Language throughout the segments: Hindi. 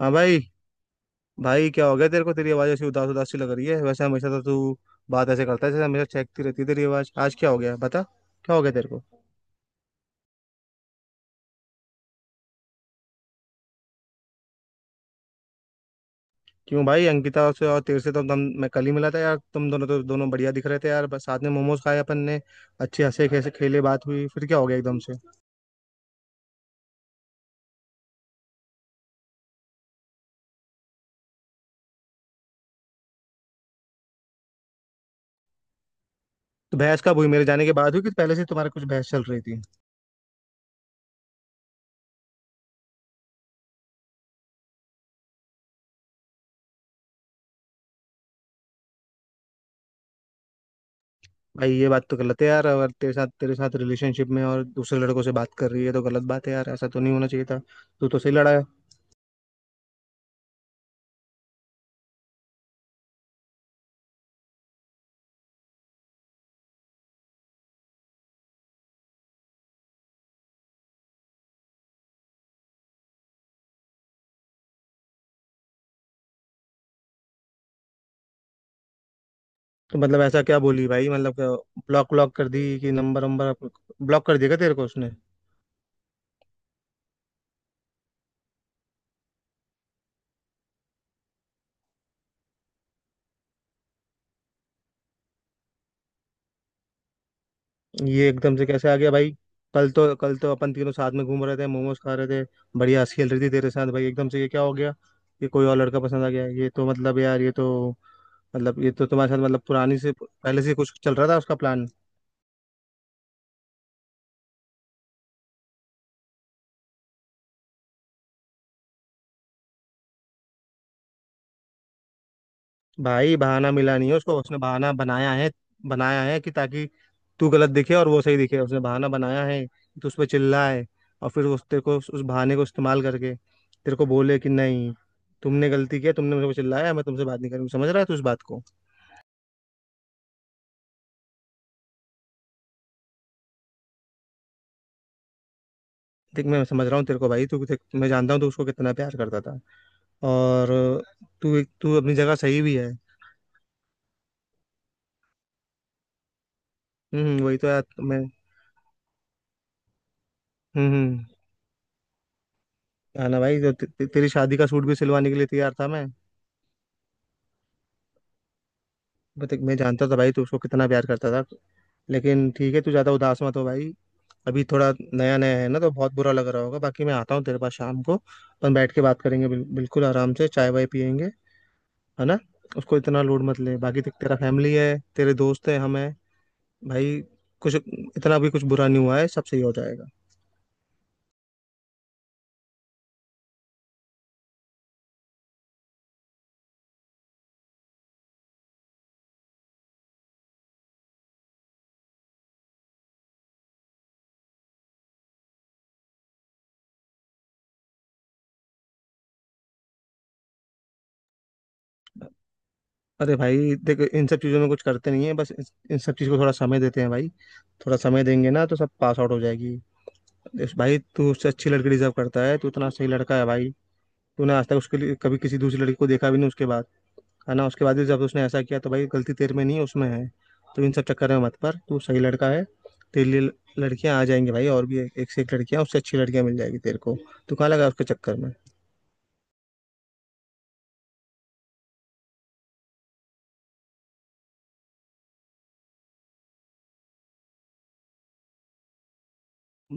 हाँ भाई। भाई, क्या हो गया तेरे को? तेरी आवाज़ ऐसी उदास उदास सी लग रही है। वैसे हमेशा तो तू बात ऐसे करता है, जैसे हमेशा चहकती रहती है तेरी आवाज़। आज क्या हो गया, बता? क्या हो गया तेरे को? क्यों भाई, अंकिता से? और तेरे से तो हम मैं कल ही मिला था यार। तुम दोनों तो दोनों बढ़िया दिख रहे थे यार। बस साथ में मोमोज खाए अपन ने, अच्छे हंसे खेसे खेले, बात हुई, फिर क्या हो गया एकदम से? तो बहस कब हुई, मेरे जाने के बाद हुई कि पहले से तुम्हारे कुछ बहस चल रही थी? भाई, ये बात तो गलत है यार। अगर तेरे साथ, तेरे साथ रिलेशनशिप में और दूसरे लड़कों से बात कर रही है तो गलत बात है यार। ऐसा तो नहीं होना चाहिए था। तू तो सही लड़ा है। तो मतलब ऐसा क्या बोली भाई, मतलब ब्लॉक ब्लॉक कर दी कि नंबर नंबर ब्लॉक कर देगा तेरे को उसने? ये एकदम से कैसे आ गया भाई? कल तो, कल तो अपन तीनों साथ में घूम रहे थे, मोमोज खा रहे थे। बढ़िया हंसी खेल रही थी तेरे साथ भाई, एकदम से ये क्या हो गया? ये कोई और लड़का पसंद आ गया? ये तो मतलब यार, ये तो मतलब ये तो तुम्हारे साथ मतलब पुरानी से पहले से कुछ चल रहा था उसका प्लान। भाई, बहाना मिला नहीं है उसको, उसने बहाना बनाया है। बनाया है कि ताकि तू गलत दिखे और वो सही दिखे। उसने बहाना बनाया है तो उस पर चिल्लाए, और फिर उस तेरे को उस बहाने को इस्तेमाल करके तेरे को बोले कि नहीं, तुमने गलती किया, तुमने मेरे को चिल्लाया, मैं तुमसे बात नहीं करूंगी। समझ रहा है तू इस बात को? देख, मैं समझ रहा हूँ तेरे को भाई। तू देख, मैं जानता हूँ तू उसको कितना प्यार करता था। और तू तू अपनी जगह सही भी है। वही तो यार मैं। हम्म हम्म, हाँ ना भाई। तो ते, ते, तेरी शादी का सूट भी सिलवाने के लिए तैयार था मैं। मैं देख, मैं जानता था भाई तू उसको कितना प्यार करता था। लेकिन ठीक है, तू ज्यादा उदास मत हो भाई। अभी थोड़ा नया नया है ना, तो बहुत बुरा लग रहा होगा। बाकी मैं आता हूँ तेरे पास शाम को, अपन बैठ के बात करेंगे, बिल्कुल आराम से चाय वाय पियेंगे। है ना? उसको इतना लोड मत ले। बाकी देख, तेरा फैमिली है, तेरे दोस्त है, हम हैं भाई। कुछ इतना भी कुछ बुरा नहीं हुआ है, सब सही हो जाएगा। अरे भाई, देख, इन सब चीज़ों में कुछ करते नहीं है, बस इन सब चीज़ को थोड़ा समय देते हैं भाई। थोड़ा समय देंगे ना, तो सब पास आउट हो जाएगी। भाई, तू उससे अच्छी लड़की डिजर्व करता है। तू इतना सही लड़का है भाई। तूने आज तक उसके लिए कभी किसी दूसरी लड़की को देखा भी नहीं उसके बाद। है ना? उसके बाद भी जब उसने ऐसा किया, तो भाई गलती तेरे में नहीं है, उसमें है। तो इन सब चक्कर में मत पर, तू सही लड़का है। तेरे लिए लड़कियां आ जाएंगी भाई, और भी एक से एक लड़कियां, उससे अच्छी लड़कियां मिल जाएगी तेरे को। तू कहाँ लगा उसके चक्कर में?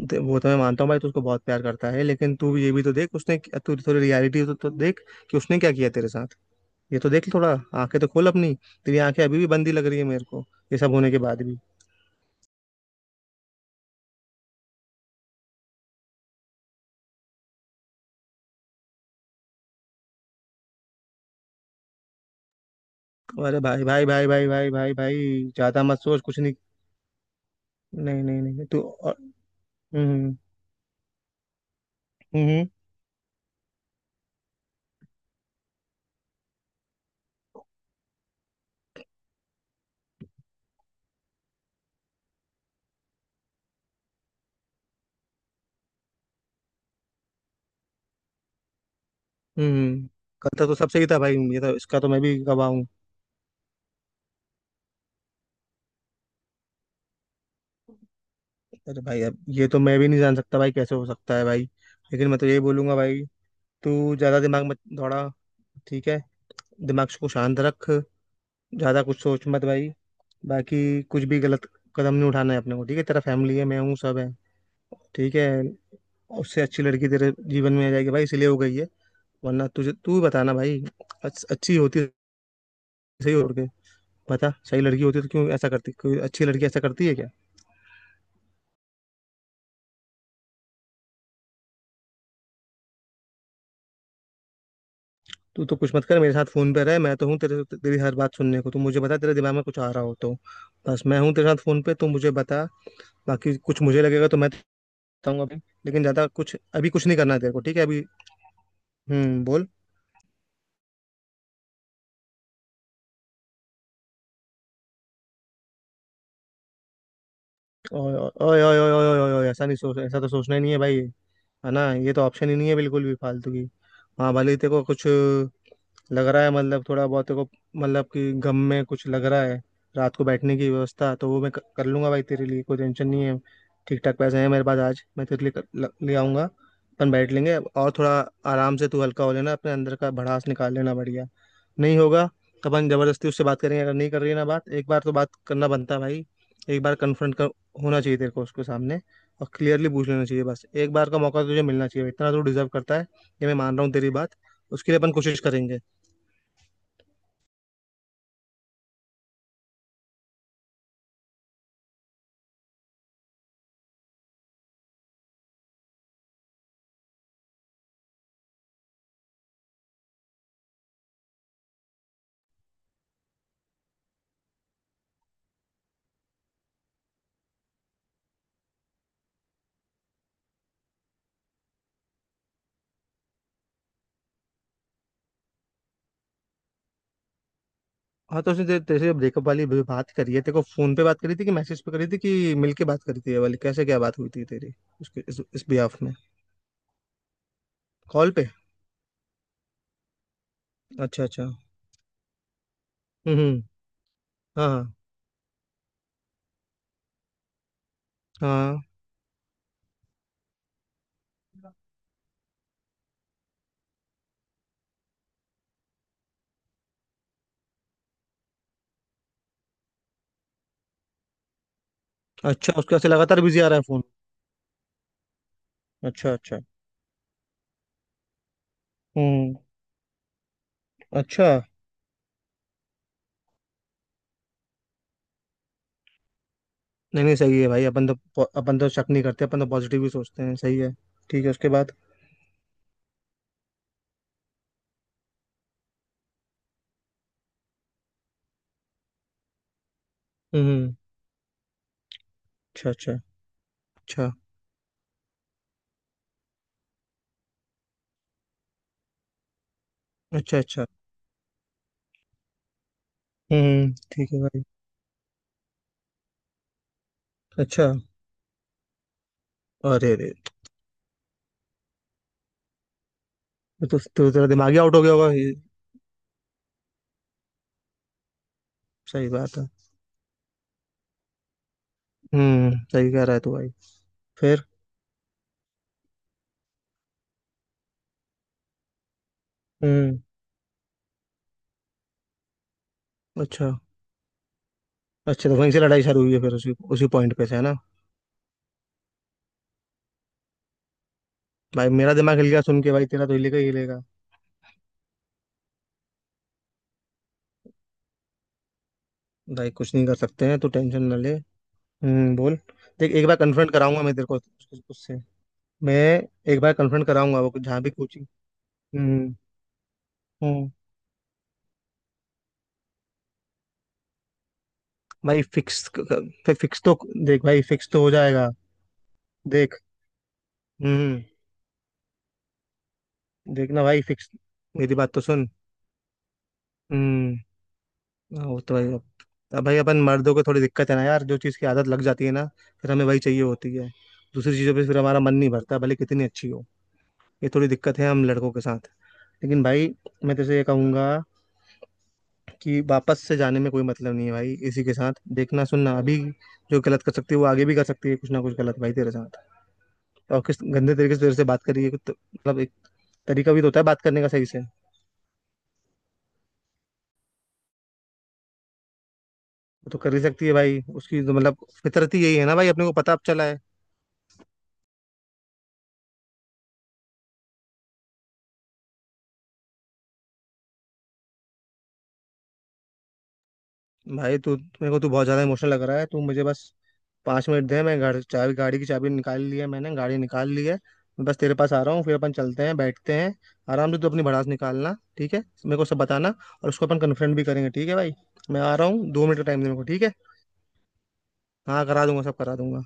वो तो मैं मानता हूँ भाई, तू उसको बहुत प्यार करता है। लेकिन तू ये भी तो देख उसने। तू थोड़ी रियलिटी तो देख, कि उसने क्या किया तेरे साथ। ये तो देख थोड़ा। आंखें तो खोल अपनी। तेरी आंखें अभी भी बंदी लग रही है मेरे को, ये सब होने के बाद भी। अरे भाई भाई भाई भाई भाई भाई भाई, ज्यादा मत सोच कुछ। नहीं नहीं नहीं नहीं तो हम्म। हम्म हम्म। गलता तो सबसे ही था भाई, ये तो, इसका तो मैं भी गवाह हूँ। अरे भाई, अब ये तो मैं भी नहीं जान सकता भाई, कैसे हो सकता है भाई। लेकिन मैं तो यही बोलूंगा भाई, तू ज्यादा दिमाग मत दौड़ा। ठीक है? दिमाग को शांत रख, ज्यादा कुछ सोच मत भाई। बाकी कुछ भी गलत कदम नहीं उठाना है अपने को, ठीक है? तेरा फैमिली है, मैं हूँ, सब है। ठीक है? उससे अच्छी लड़की तेरे जीवन में आ जाएगी भाई, इसलिए हो गई है। वरना तुझे तू बताना भाई, अच्छी होती सही हो के। बता, सही लड़की होती तो क्यों ऐसा करती? कोई अच्छी लड़की ऐसा करती है क्या? तू तो कुछ मत कर, मेरे साथ फोन पे रह। मैं तो हूँ तेरे, तेरी हर बात सुनने को। तू मुझे बता, तेरे दिमाग में कुछ आ रहा हो तो। बस मैं हूँ तेरे साथ फोन पे, तू मुझे बता। बाकी कुछ मुझे लगेगा तो मैं बताऊंगा अभी। लेकिन ज्यादा कुछ अभी कुछ नहीं करना है तेरे को, ठीक है अभी? बोल। ओए ओए ओए ओए ओए ओए ओए, ओए, ऐसा नहीं सोच, ऐसा तो सोचना ही नहीं है भाई। है ना? ये तो ऑप्शन ही नहीं है, बिल्कुल भी फालतू की। हाँ, भले ही तेरे को कुछ लग रहा है, मतलब थोड़ा बहुत तेरे को मतलब कि गम में कुछ लग रहा है, रात को बैठने की व्यवस्था तो वो मैं कर लूंगा भाई। तेरे लिए कोई टेंशन नहीं है। ठीक ठाक पैसे हैं मेरे पास आज, मैं तेरे लिए ले आऊंगा। अपन बैठ लेंगे और थोड़ा आराम से तू हल्का हो लेना, अपने अंदर का भड़ास निकाल लेना। बढ़िया नहीं होगा तो अपन जबरदस्ती उससे बात करेंगे। अगर नहीं कर रही है ना बात, एक बार तो बात करना बनता है भाई। एक बार कन्फ्रंट कर, होना चाहिए तेरे को उसके सामने, और क्लियरली पूछ लेना चाहिए। बस एक बार का मौका तुझे मिलना चाहिए, इतना तो डिजर्व करता है। ये मैं मान रहा हूँ तेरी बात, उसके लिए अपन कोशिश करेंगे। हाँ, तो उसने तेरे तेरे से ब्रेकअप वाली भी बात करी है? तेरे को फोन पे बात करी थी कि मैसेज पे करी थी कि मिल के बात करी थी ये वाली? कैसे, क्या बात हुई थी तेरी उसके इस बिहाफ में? कॉल पे? अच्छा अच्छा। हम्म। हाँ। हाँ हाँ। अच्छा, उसके ऐसे लगातार बिजी आ रहा है फोन? अच्छा अच्छा। हम्म। अच्छा। नहीं नहीं, सही है भाई। अपन तो शक नहीं करते, अपन तो पॉजिटिव ही सोचते हैं। सही है। ठीक है, उसके बाद? हम्म। अच्छा। अच्छा। अच्छा। अच्छा। अच्छा। ठीक है भाई। अच्छा। अरे अरे, ये तो तेरा दिमाग ही आउट हो गया होगा ये। सही बात है। सही कह रहा है तू भाई। फिर? हम्म। अच्छा अच्छा, तो वहीं से लड़ाई शुरू हुई है फिर, उसी उसी पॉइंट पे से, है ना? भाई, मेरा दिमाग हिल गया सुन के, भाई तेरा तो हिलेगा ही हिलेगा। भाई, कुछ नहीं कर सकते हैं तो टेंशन ना ले। बोल। देख, एक बार कन्फ्रंट कराऊंगा मैं तेरे को उससे। मैं एक बार कन्फ्रंट कराऊंगा, वो जहाँ भी कोचिंग। हम्म हम्म। भाई फिक्स, फिक्स तो। देख भाई, फिक्स तो हो जाएगा। देख। हम्म। देखना भाई फिक्स। मेरी बात तो सुन। हम्म। हाँ, वो तो भाई अब भाई अपन मर्दों को थोड़ी दिक्कत है ना यार, जो चीज़ की आदत लग जाती है ना, फिर हमें वही चाहिए होती है। दूसरी चीज़ों पे फिर हमारा मन नहीं भरता, भले कितनी अच्छी हो। ये थोड़ी दिक्कत है हम लड़कों के साथ। लेकिन भाई, मैं तुझे ये कहूंगा कि वापस से जाने में कोई मतलब नहीं है भाई इसी के साथ। देखना, सुनना अभी, जो गलत कर सकती है वो आगे भी कर सकती है, कुछ ना कुछ गलत भाई तेरे साथ। और किस गंदे तरीके से तेरे से बात करी है, तो मतलब एक तरीका भी तो होता है बात करने का सही से। वो तो कर ही सकती है भाई, उसकी तो मतलब फितरत ही यही है ना भाई, अपने को पता अब चला है। भाई, तू मेरे को, तू बहुत ज्यादा इमोशनल लग रहा है। तू मुझे बस 5 मिनट दे, मैं गाड़ी चाबी, गाड़ी की चाबी निकाल ली है मैंने, गाड़ी निकाल ली है। मैं बस तेरे पास आ रहा हूँ, फिर अपन चलते हैं, बैठते हैं आराम से। तू अपनी भड़ास निकालना, ठीक है? मेरे को सब बताना। और उसको अपन कन्फ्रंट भी करेंगे, ठीक है भाई? मैं आ रहा हूँ, 2 मिनट का टाइम दे मेरे को, ठीक है? हाँ, करा दूंगा, सब करा दूंगा।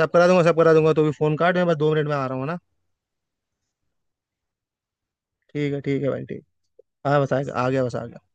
सब करा दूंगा, सब करा दूंगा, तो भी फोन काट, मैं बस 2 मिनट में आ रहा हूँ ना। ठीक है, ठीक है भाई, ठीक। हाँ, बस आ आ गया, बस आ गया।